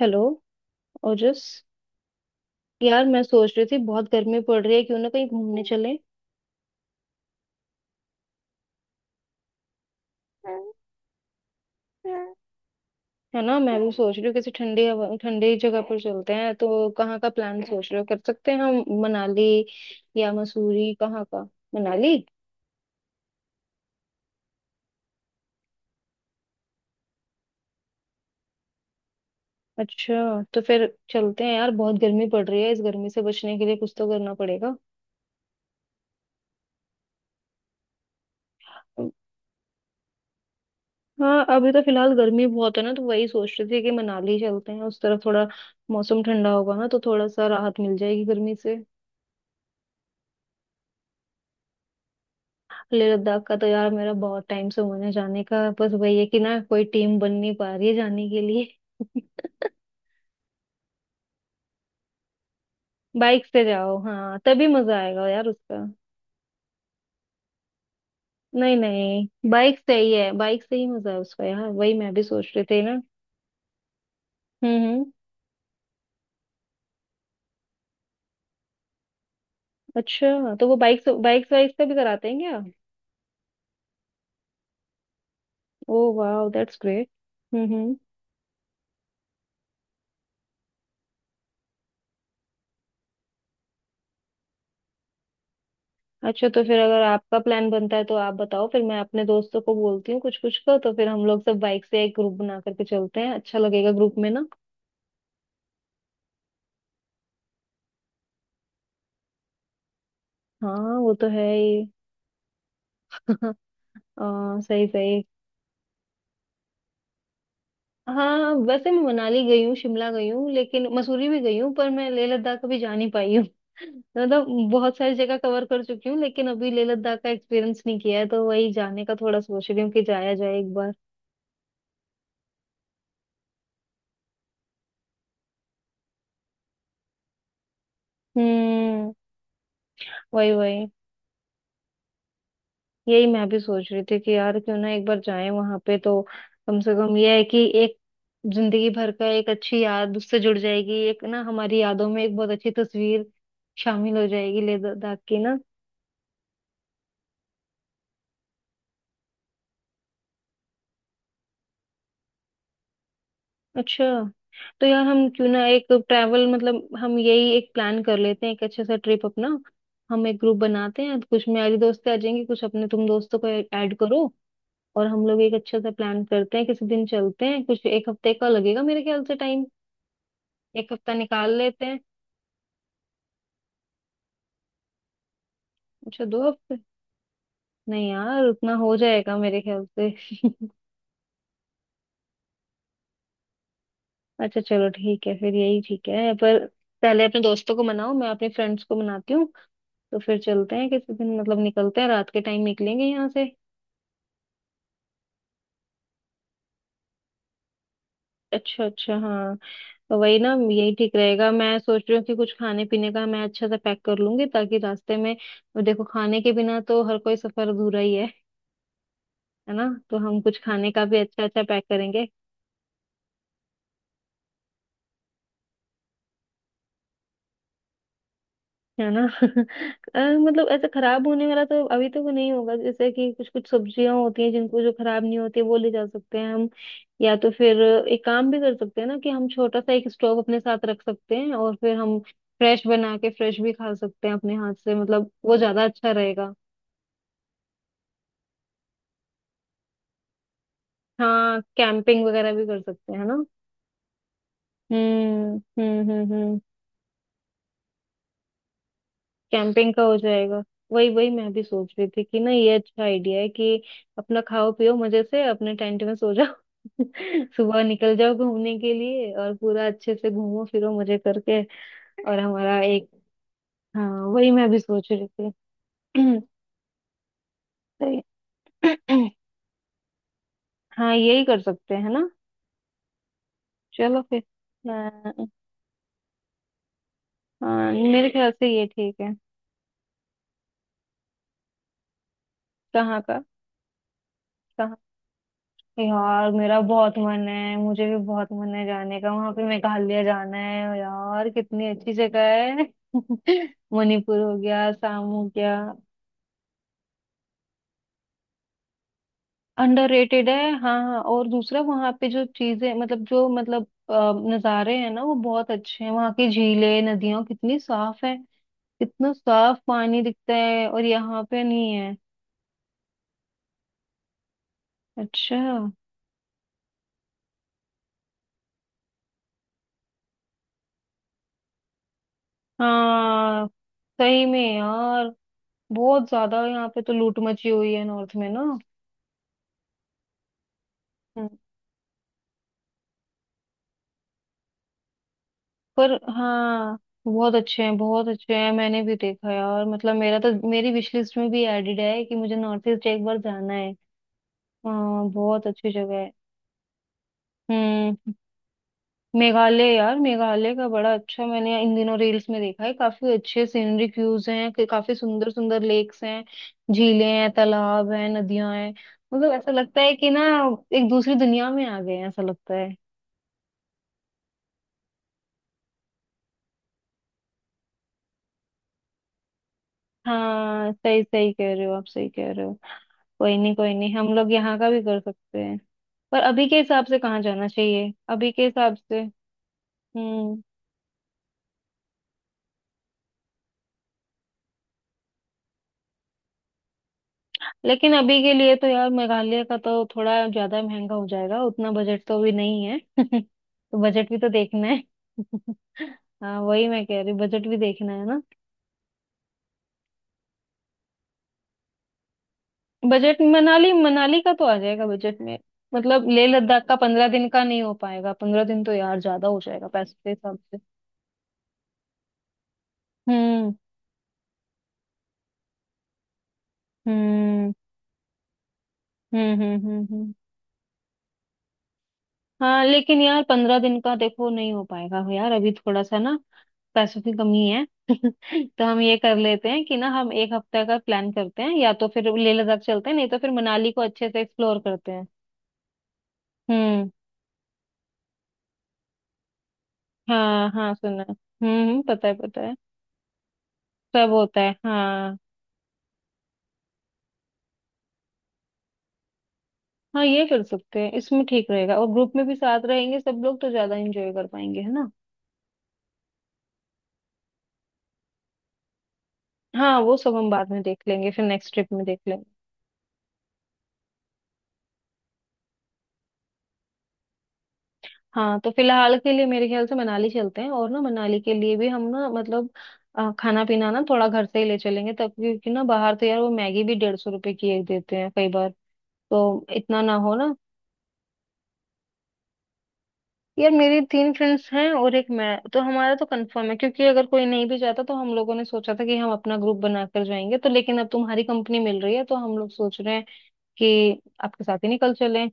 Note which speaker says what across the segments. Speaker 1: Hello Ojas. यार मैं सोच रही थी बहुत गर्मी पड़ रही है, क्यों ना कहीं घूमने चले। है ना, मैं भी सोच रही हूँ किसी ठंडी हवा ठंडी जगह पर चलते हैं। तो कहाँ का प्लान सोच रहे हो? कर सकते हैं हम मनाली या मसूरी, कहाँ का? मनाली। अच्छा तो फिर चलते हैं यार, बहुत गर्मी पड़ रही है, इस गर्मी से बचने के लिए कुछ तो करना पड़ेगा। हाँ अभी तो फिलहाल गर्मी बहुत है ना, तो वही सोच रही थी कि मनाली चलते हैं उस तरफ, थोड़ा मौसम ठंडा होगा ना तो थोड़ा सा राहत मिल जाएगी गर्मी से। लेह लद्दाख का तो यार मेरा बहुत टाइम से होने जाने का है। बस वही है कि ना कोई टीम बन नहीं पा रही है जाने के लिए। बाइक से जाओ, हाँ तभी मजा आएगा यार उसका। नहीं नहीं, बाइक से ही है, बाइक से ही मजा है उसका यार, वही मैं भी सोच रही थी ना। हम्म। अच्छा तो वो बाइक से बाइक वाइक से भी कराते हैं क्या? ओ वाह, दैट्स ग्रेट। हम्म। अच्छा तो फिर अगर आपका प्लान बनता है तो आप बताओ, फिर मैं अपने दोस्तों को बोलती हूँ कुछ, कुछ का तो फिर हम लोग सब बाइक से एक ग्रुप बना करके चलते हैं, अच्छा लगेगा ग्रुप में ना। हाँ वो तो है ही। सही सही। हाँ वैसे मैं मनाली गई हूँ, शिमला गई हूँ, लेकिन मसूरी भी गई हूँ, पर मैं लेह लद्दाख कभी जा नहीं पाई हूँ। मतलब बहुत सारी जगह कवर कर चुकी हूँ लेकिन अभी लेह लद्दाख का एक्सपीरियंस नहीं किया है तो वही जाने का थोड़ा सोच रही हूँ कि जाया जाए एक बार। हम्म। वही वही, यही मैं भी सोच रही थी कि यार क्यों ना एक बार जाएं वहां पे तो। कम से कम ये है कि एक जिंदगी भर का एक अच्छी याद उससे जुड़ जाएगी, एक ना हमारी यादों में एक बहुत अच्छी तस्वीर शामिल हो जाएगी लेह लद्दाख की ना। अच्छा तो यार हम क्यों ना एक ट्रैवल मतलब हम यही एक प्लान कर लेते हैं, एक अच्छे सा ट्रिप अपना। हम एक ग्रुप बनाते हैं, कुछ मेरी दोस्तें आ जाएंगी, कुछ अपने तुम दोस्तों को ऐड करो, और हम लोग एक अच्छा सा प्लान करते हैं, किसी दिन चलते हैं, कुछ एक हफ्ते का लगेगा मेरे ख्याल से टाइम। एक हफ्ता निकाल लेते हैं। अच्छा दो हफ्ते, नहीं यार उतना हो जाएगा मेरे ख्याल से। अच्छा चलो ठीक है, फिर यही ठीक है, पर पहले अपने दोस्तों को मनाओ, मैं अपने फ्रेंड्स को मनाती हूँ, तो फिर चलते हैं किसी दिन, मतलब निकलते हैं, रात के टाइम निकलेंगे यहाँ से। अच्छा अच्छा, हाँ तो वही ना, यही ठीक रहेगा। मैं सोच रही हूँ कि कुछ खाने पीने का मैं अच्छा सा पैक कर लूंगी ताकि रास्ते में, अब देखो, खाने के बिना तो हर कोई सफर अधूरा ही है। है ना, तो हम कुछ खाने का भी अच्छा अच्छा पैक करेंगे। है ना। मतलब ऐसा खराब होने वाला तो अभी तो वो नहीं होगा, जैसे कि कुछ कुछ सब्जियां होती हैं जिनको, जो खराब नहीं होती है वो ले जा सकते हैं हम। या तो फिर एक काम भी कर सकते हैं ना कि हम छोटा सा एक स्टोव अपने साथ रख सकते हैं और फिर हम फ्रेश बना के फ्रेश भी खा सकते हैं अपने हाथ से, मतलब वो ज्यादा अच्छा रहेगा। हाँ कैंपिंग वगैरह भी कर सकते हैं ना। हम्म। कैंपिंग का हो जाएगा। वही वही मैं भी सोच रही थी कि ना, ये अच्छा आइडिया है कि अपना खाओ पियो मजे से, अपने टेंट में सो जाओ। सुबह निकल जाओ घूमने के लिए और पूरा अच्छे से घूमो फिरो मजे करके। और हमारा एक, हाँ वही मैं भी सोच रही थी। तो, हाँ यही कर सकते हैं ना। चलो फिर। हाँ हाँ, मेरे ख्याल से ये ठीक है। कहाँ का? यार मेरा बहुत मन है, मुझे भी बहुत मन है जाने का वहां पे, मेघालय जाना है यार, कितनी अच्छी जगह है। मणिपुर हो गया, असम हो गया। अंडररेटेड है, हाँ हाँ, और दूसरा वहां पे जो चीजें मतलब, जो मतलब नजारे हैं ना वो बहुत अच्छे हैं, वहां की झीलें नदियां कितनी साफ है, कितना साफ पानी दिखता है और यहाँ पे नहीं है। अच्छा, हाँ सही में यार, बहुत ज्यादा यहाँ पे तो लूट मची हुई है नॉर्थ में। ना, पर हाँ बहुत अच्छे हैं, बहुत अच्छे हैं, मैंने भी देखा है और मतलब मेरा तो, मेरी विश लिस्ट में भी एडेड है कि मुझे नॉर्थ ईस्ट एक बार जाना है। हाँ बहुत अच्छी जगह है। हम्म। मेघालय यार, मेघालय का बड़ा अच्छा मैंने इन दिनों रील्स में देखा है, काफी अच्छे सीनरिक व्यूज हैं कि काफी सुंदर सुंदर लेक्स हैं, झीलें हैं, तालाब हैं, नदियां हैं, मतलब ऐसा लगता है कि ना एक दूसरी दुनिया में आ गए हैं, ऐसा लगता है। हाँ सही सही कह रहे हो, आप सही कह रहे हो। कोई नहीं कोई नहीं, हम लोग यहाँ का भी कर सकते हैं। पर अभी के हिसाब से कहाँ जाना चाहिए, अभी के हिसाब से? हम्म। लेकिन अभी के लिए तो यार मेघालय का तो थोड़ा ज्यादा महंगा हो जाएगा, उतना बजट तो अभी नहीं है। तो बजट भी तो देखना है। हाँ वही मैं कह रही हूँ, बजट भी देखना है ना। बजट मनाली, मनाली का तो आ जाएगा बजट में। मतलब लेह लद्दाख का 15 दिन का नहीं हो पाएगा, 15 दिन तो यार ज्यादा हो जाएगा पैसे के हिसाब से। हम्म हम्म हम्म। हाँ लेकिन यार 15 दिन का देखो नहीं हो पाएगा, हो यार अभी थोड़ा सा ना पैसों की कमी है। तो हम ये कर लेते हैं कि ना हम एक हफ्ते का प्लान करते हैं, या तो फिर लेह लद्दाख चलते हैं नहीं तो फिर मनाली को अच्छे से एक्सप्लोर करते हैं। हम्म, हाँ हाँ सुना है। पता है पता है। सब होता है हाँ। हाँ ये कर सकते हैं, इसमें ठीक रहेगा और ग्रुप में भी साथ रहेंगे सब लोग तो ज्यादा एंजॉय कर पाएंगे है ना। हाँ वो सब हम बाद में देख लेंगे, फिर नेक्स्ट ट्रिप में देख लेंगे। हाँ तो फिलहाल के लिए मेरे ख्याल से मनाली चलते हैं और ना मनाली के लिए भी हम ना, मतलब खाना पीना ना थोड़ा घर से ही ले चलेंगे तब, क्योंकि ना बाहर तो यार वो मैगी भी 150 रुपए की एक देते हैं कई बार, तो इतना ना हो ना। यार मेरी तीन फ्रेंड्स हैं और एक मैं, तो हमारा तो कंफर्म है, क्योंकि अगर कोई नहीं भी जाता तो हम लोगों ने सोचा था कि हम अपना ग्रुप बनाकर जाएंगे, तो लेकिन अब तुम्हारी कंपनी मिल रही है तो हम लोग सोच रहे हैं कि आपके साथ ही निकल चलें।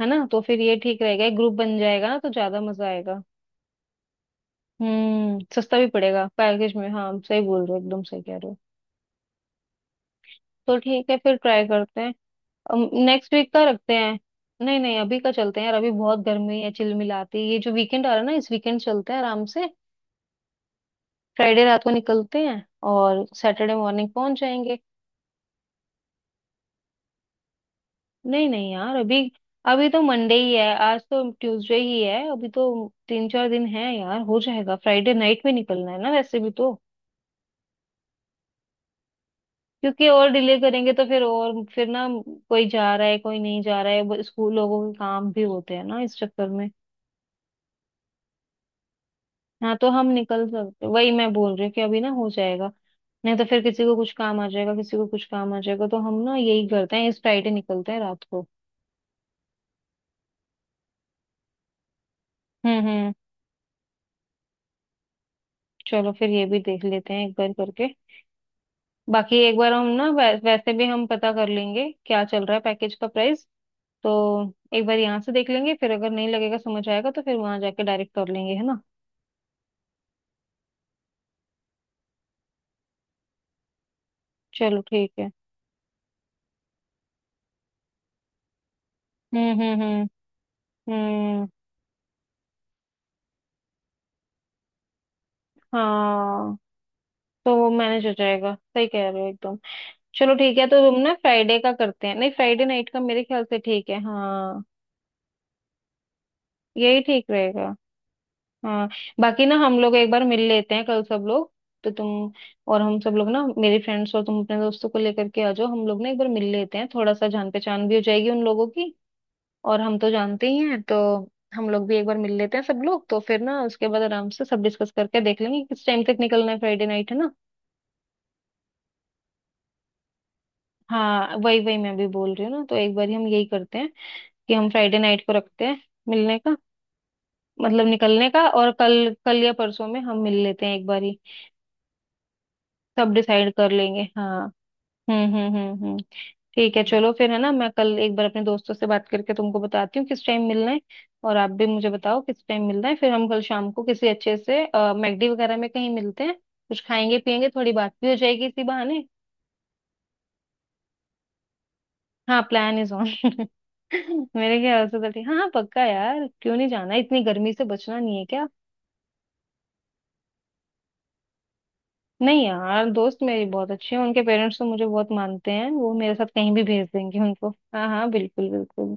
Speaker 1: है ना, तो फिर ये ठीक रहेगा, एक ग्रुप बन जाएगा ना तो ज्यादा मजा आएगा। हम्म, सस्ता भी पड़ेगा पैकेज में, हाँ आप सही बोल रहे हो, एकदम सही कह रहे हो। तो ठीक है फिर, ट्राई करते हैं। नेक्स्ट वीक का रखते हैं? नहीं नहीं अभी का चलते हैं यार, अभी बहुत गर्मी है चिलमिलाती, ये जो वीकेंड आ रहा है ना, इस वीकेंड चलते हैं आराम से। फ्राइडे रात को निकलते हैं और सैटरडे मॉर्निंग पहुंच जाएंगे। नहीं नहीं यार, अभी अभी तो मंडे ही है, आज तो ट्यूसडे ही है अभी तो, 3 4 दिन है यार हो जाएगा, फ्राइडे नाइट में निकलना है ना वैसे भी तो, क्योंकि और डिले करेंगे तो फिर, और फिर ना कोई जा रहा है कोई नहीं जा रहा है, वो स्कूल लोगों के काम भी होते हैं ना इस चक्कर में। हाँ तो हम निकल सकते, वही मैं बोल रही हूँ कि अभी ना हो जाएगा, नहीं तो फिर किसी को कुछ काम आ जाएगा किसी को कुछ काम आ जाएगा, तो हम ना यही करते हैं इस फ्राइडे निकलते हैं रात को। हम्म। चलो फिर, ये भी देख लेते हैं एक बार करके। बाकी एक बार हम ना वैसे भी हम पता कर लेंगे क्या चल रहा है पैकेज का प्राइस, तो एक बार यहाँ से देख लेंगे, फिर अगर नहीं लगेगा, समझ आएगा तो फिर वहां जाके डायरेक्ट कर लेंगे है ना। चलो ठीक है। हम्म हम्म हम्म हम्म, हाँ तो वो मैनेज हो जाएगा, सही कह रहे हो एकदम। चलो ठीक है तो हम ना फ्राइडे का करते हैं, नहीं फ्राइडे नाइट का, मेरे ख्याल से ठीक है हाँ। यही ठीक रहेगा। हाँ। बाकी ना हम लोग एक बार मिल लेते हैं कल सब लोग, तो तुम और हम सब लोग ना, मेरे फ्रेंड्स और तुम अपने दोस्तों को लेकर के आ जाओ, हम लोग ना एक बार मिल लेते हैं, थोड़ा सा जान पहचान भी हो जाएगी उन लोगों की और हम तो जानते ही हैं, तो हम लोग भी एक बार मिल लेते हैं सब लोग, तो फिर ना उसके बाद आराम से सब डिस्कस करके देख लेंगे किस टाइम तक निकलना है, फ्राइडे नाइट है ना। हाँ वही वही मैं भी बोल रही हूँ ना, तो एक बार हम यही करते हैं कि हम फ्राइडे नाइट को रखते हैं मिलने का, मतलब निकलने का, और कल कल या परसों में हम मिल लेते हैं एक बार ही, सब डिसाइड कर लेंगे हाँ। हम्म। ठीक है चलो फिर है ना, मैं कल एक बार अपने दोस्तों से बात करके तुमको बताती हूँ किस टाइम मिलना है, और आप भी मुझे बताओ किस टाइम मिलना है, फिर हम कल शाम को किसी अच्छे से मैगडी वगैरह में कहीं मिलते हैं, कुछ खाएंगे पियेंगे, थोड़ी बात भी हो जाएगी इसी बहाने। हाँ प्लान इज ऑन। मेरे ख्याल से तो ठीक, हाँ हाँ पक्का यार, क्यों नहीं जाना, इतनी गर्मी से बचना नहीं है क्या। नहीं यार दोस्त मेरी बहुत अच्छी है, उनके पेरेंट्स तो मुझे बहुत मानते हैं, वो मेरे साथ कहीं भी भेज देंगे उनको। हाँ हाँ बिल्कुल बिल्कुल।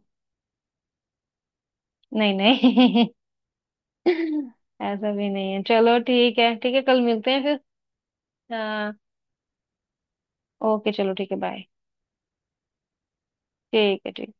Speaker 1: नहीं नहीं। ऐसा भी नहीं है, चलो ठीक है कल मिलते हैं फिर। हाँ ओके चलो ठीक है बाय। ठीक है ठीक।